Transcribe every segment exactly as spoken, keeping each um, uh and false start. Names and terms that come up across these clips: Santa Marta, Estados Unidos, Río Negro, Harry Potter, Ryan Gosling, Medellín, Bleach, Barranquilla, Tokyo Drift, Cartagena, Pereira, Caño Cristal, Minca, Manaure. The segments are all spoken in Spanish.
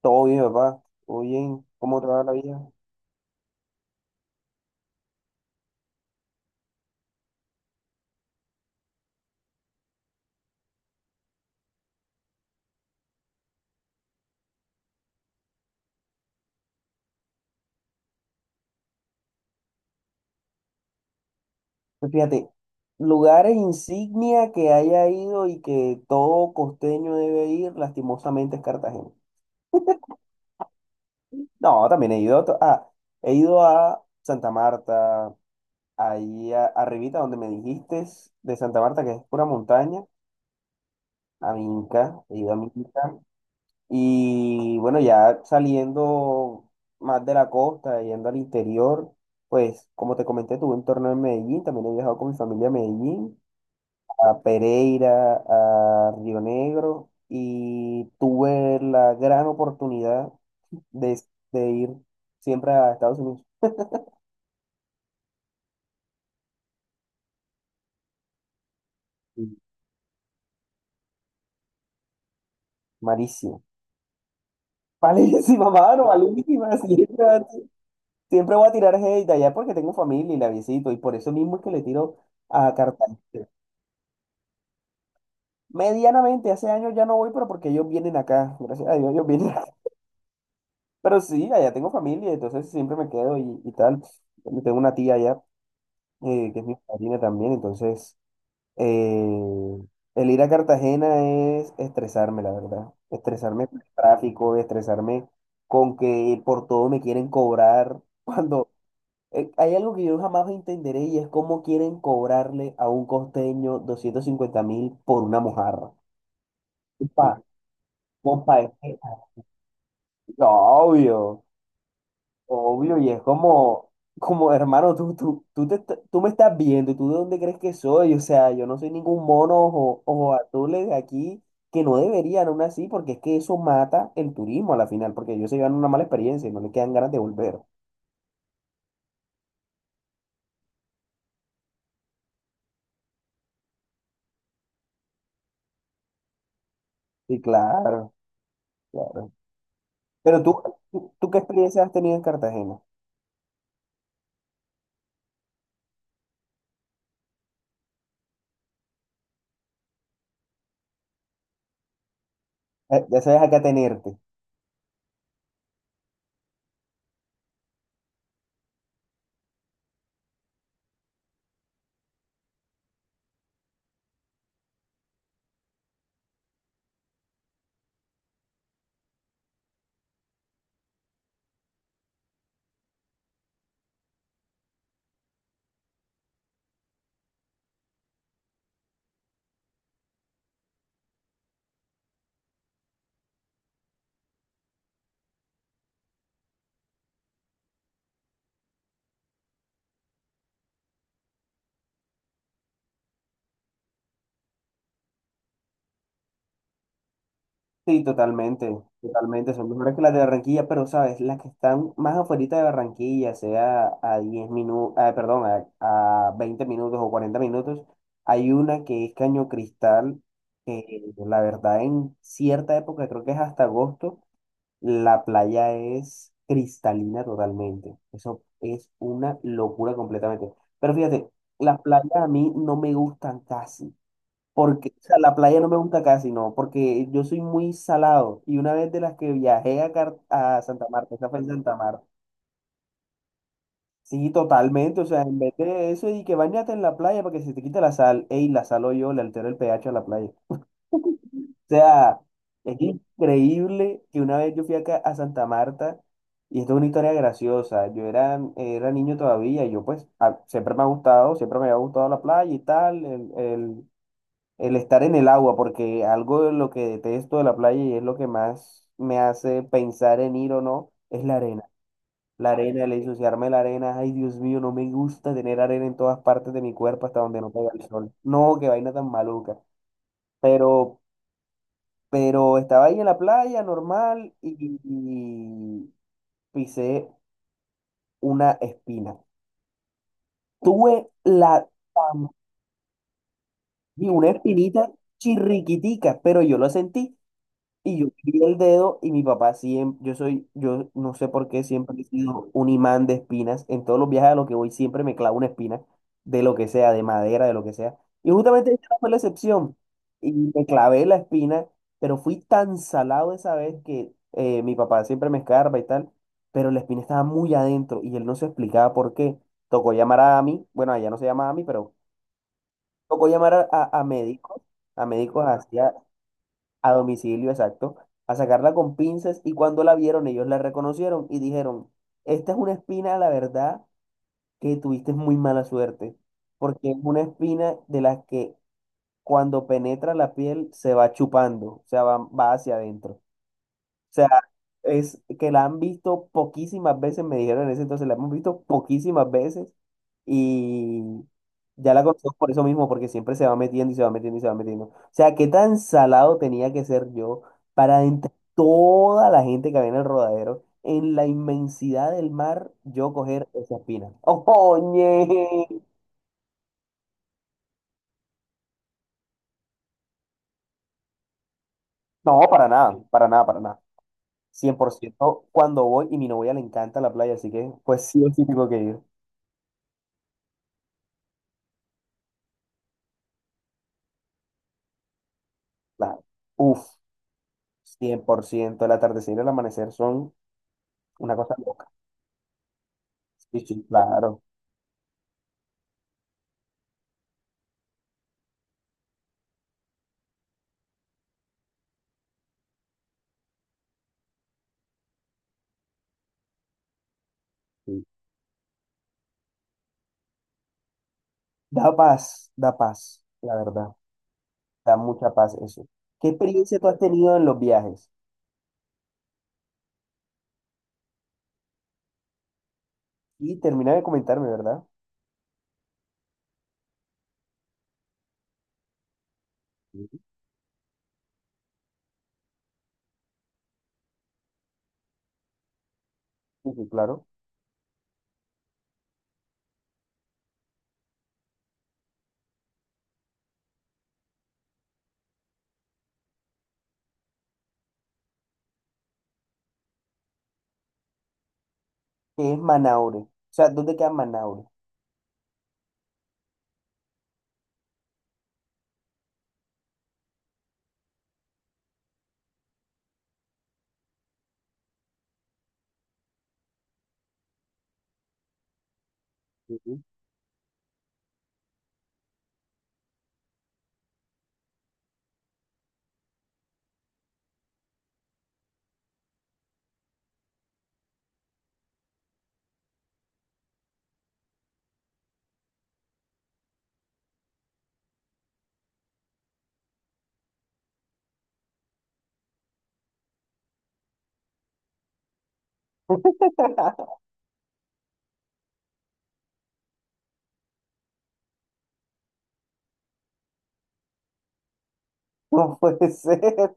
Todo bien, papá. Todo bien. ¿Cómo trabaja la vida? Pues fíjate, lugares insignia que haya ido y que todo costeño debe ir, lastimosamente es Cartagena. No, también he ido a, to- ah, he ido a Santa Marta, ahí a- arribita donde me dijiste, de Santa Marta, que es pura montaña, a Minca, he ido a Minca. Y bueno, ya saliendo más de la costa, yendo al interior, pues como te comenté, tuve un torneo en Medellín, también he viajado con mi familia a Medellín, a Pereira, a Río Negro, y tuve la gran oportunidad de, de ir siempre a Estados Unidos. Y malísimo. Malísima, mano, malísima. Siempre, siempre voy a tirar hate allá porque tengo familia y la visito, y por eso mismo es que le tiro a Cartagena. Medianamente, hace años ya no voy, pero porque ellos vienen acá, gracias a Dios, ellos vienen acá. Pero sí, allá tengo familia, entonces siempre me quedo y, y tal. Tengo una tía allá, eh, que es mi padrina también, entonces eh, el ir a Cartagena es estresarme, la verdad. Estresarme con el tráfico, estresarme con que por todo me quieren cobrar. Cuando eh, hay algo que yo jamás entenderé y es cómo quieren cobrarle a un costeño doscientos cincuenta mil por una mojarra. Pa, compa, es que no, obvio, obvio, y es como, como hermano, tú, tú, tú, te est- tú me estás viendo, ¿tú de dónde crees que soy? O sea, yo no soy ningún mono o ojo azules aquí, que no deberían aún así, porque es que eso mata el turismo a la final, porque ellos se llevan una mala experiencia y no le quedan ganas de volver. Sí, claro, claro. Pero tú, tú, tú ¿qué experiencia has tenido en Cartagena? Eh, ya sabes a qué atenerte. Sí, totalmente, totalmente. Son mejores que las de Barranquilla, pero sabes, las que están más afuera de Barranquilla, sea a diez minutos, perdón, a, a veinte minutos o cuarenta minutos, hay una que es Caño Cristal, que la verdad en cierta época, creo que es hasta agosto, la playa es cristalina totalmente. Eso es una locura completamente. Pero fíjate, las playas a mí no me gustan casi. Porque, o sea, la playa no me gusta casi, no, porque yo soy muy salado. Y una vez de las que viajé a, Car- a Santa Marta, esa fue en Santa Marta. Sí, totalmente, o sea, en vez de eso y que bañate en la playa para que se te quite la sal, ey, la salo yo, le altero el pH a la playa. O sea, es increíble que una vez yo fui acá a Santa Marta, y esto es una historia graciosa, yo era, era niño todavía, y yo pues a- siempre me ha gustado, siempre me había gustado la playa y tal, el, el- el estar en el agua, porque algo de lo que detesto de la playa y es lo que más me hace pensar en ir o no, es la arena. La arena, el ensuciarme la arena, ay Dios mío, no me gusta tener arena en todas partes de mi cuerpo hasta donde no pega el sol. No, qué vaina tan maluca. Pero, pero estaba ahí en la playa normal y, y pisé una espina. Tuve la, tan- y una espinita chirriquitica, pero yo lo sentí. Y yo vi el dedo y mi papá siempre, yo soy, yo no sé por qué siempre he sido un imán de espinas. En todos los viajes a los que voy siempre me clavo una espina, de lo que sea, de madera, de lo que sea. Y justamente esta no fue la excepción. Y me clavé la espina, pero fui tan salado esa vez que eh, mi papá siempre me escarba y tal, pero la espina estaba muy adentro y él no se explicaba por qué. Tocó llamar a mí, bueno, allá no se llama a mí, pero tocó llamar a, a, a médicos, a médicos hacia a domicilio, exacto, a sacarla con pinzas y cuando la vieron ellos la reconocieron y dijeron, esta es una espina, la verdad, que tuviste muy mala suerte, porque es una espina de las que cuando penetra la piel se va chupando, o sea, va, va hacia adentro. O sea, es que la han visto poquísimas veces, me dijeron en ese entonces, la hemos visto poquísimas veces y ya la conocemos por eso mismo, porque siempre se va metiendo y se va metiendo y se va metiendo. O sea, qué tan salado tenía que ser yo para entre toda la gente que había en el rodadero, en la inmensidad del mar, yo coger esa espina. ¡Oye! No, para nada, para nada, para nada. Cien por ciento cuando voy y mi novia le encanta la playa, así que pues sí o sí tengo que ir. Claro. Uf. Cien por ciento el atardecer y el amanecer son una cosa loca. Sí, sí, claro. Sí. Da paz, da paz, la verdad. Da mucha paz eso. ¿Qué experiencia tú has tenido en los viajes? Y termina de comentarme, ¿verdad? Ujú, sí, sí, claro. ¿Qué es Manaure? O sea, ¿dónde queda Manaure? Ujú. No puede ser.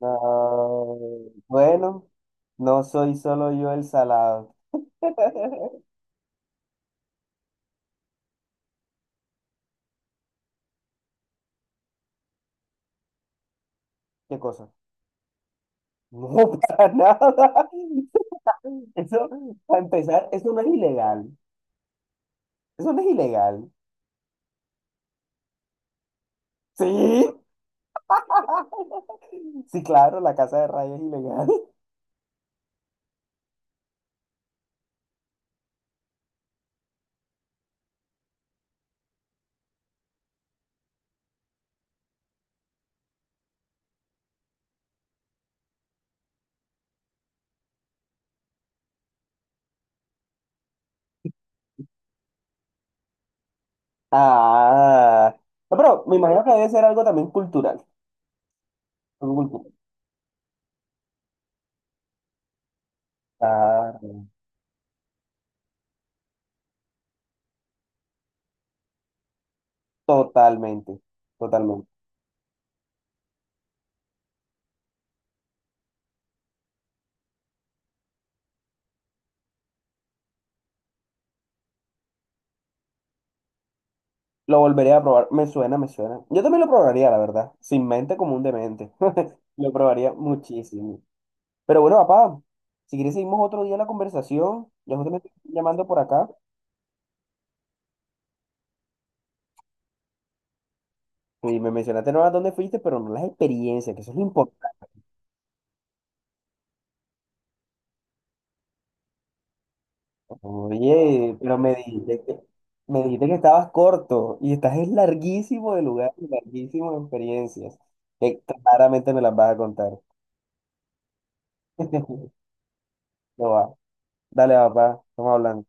No, bueno, no soy solo yo el salado. ¿Qué cosa? No, para nada. Eso, para empezar, eso no es ilegal. Eso no es ilegal. Sí. Sí, claro, la casa de raya es ilegal. Ah. No, pero me imagino que debe ser algo también cultural. Algo cultural. Ah, totalmente. Totalmente. Lo volveré a probar. Me suena, me suena. Yo también lo probaría, la verdad. Sin mente como un demente. Lo probaría muchísimo. Pero bueno, papá, si quieres seguimos otro día la conversación. Ya justamente me estoy llamando por acá. Sí, me mencionaste no a dónde fuiste, pero no las experiencias, que eso es lo importante. Oye, pero me dijiste que, me dijiste que estabas corto y estás es larguísimo de lugar, y larguísimo de experiencias, que claramente me las vas a contar. No va. Dale, papá, estamos hablando.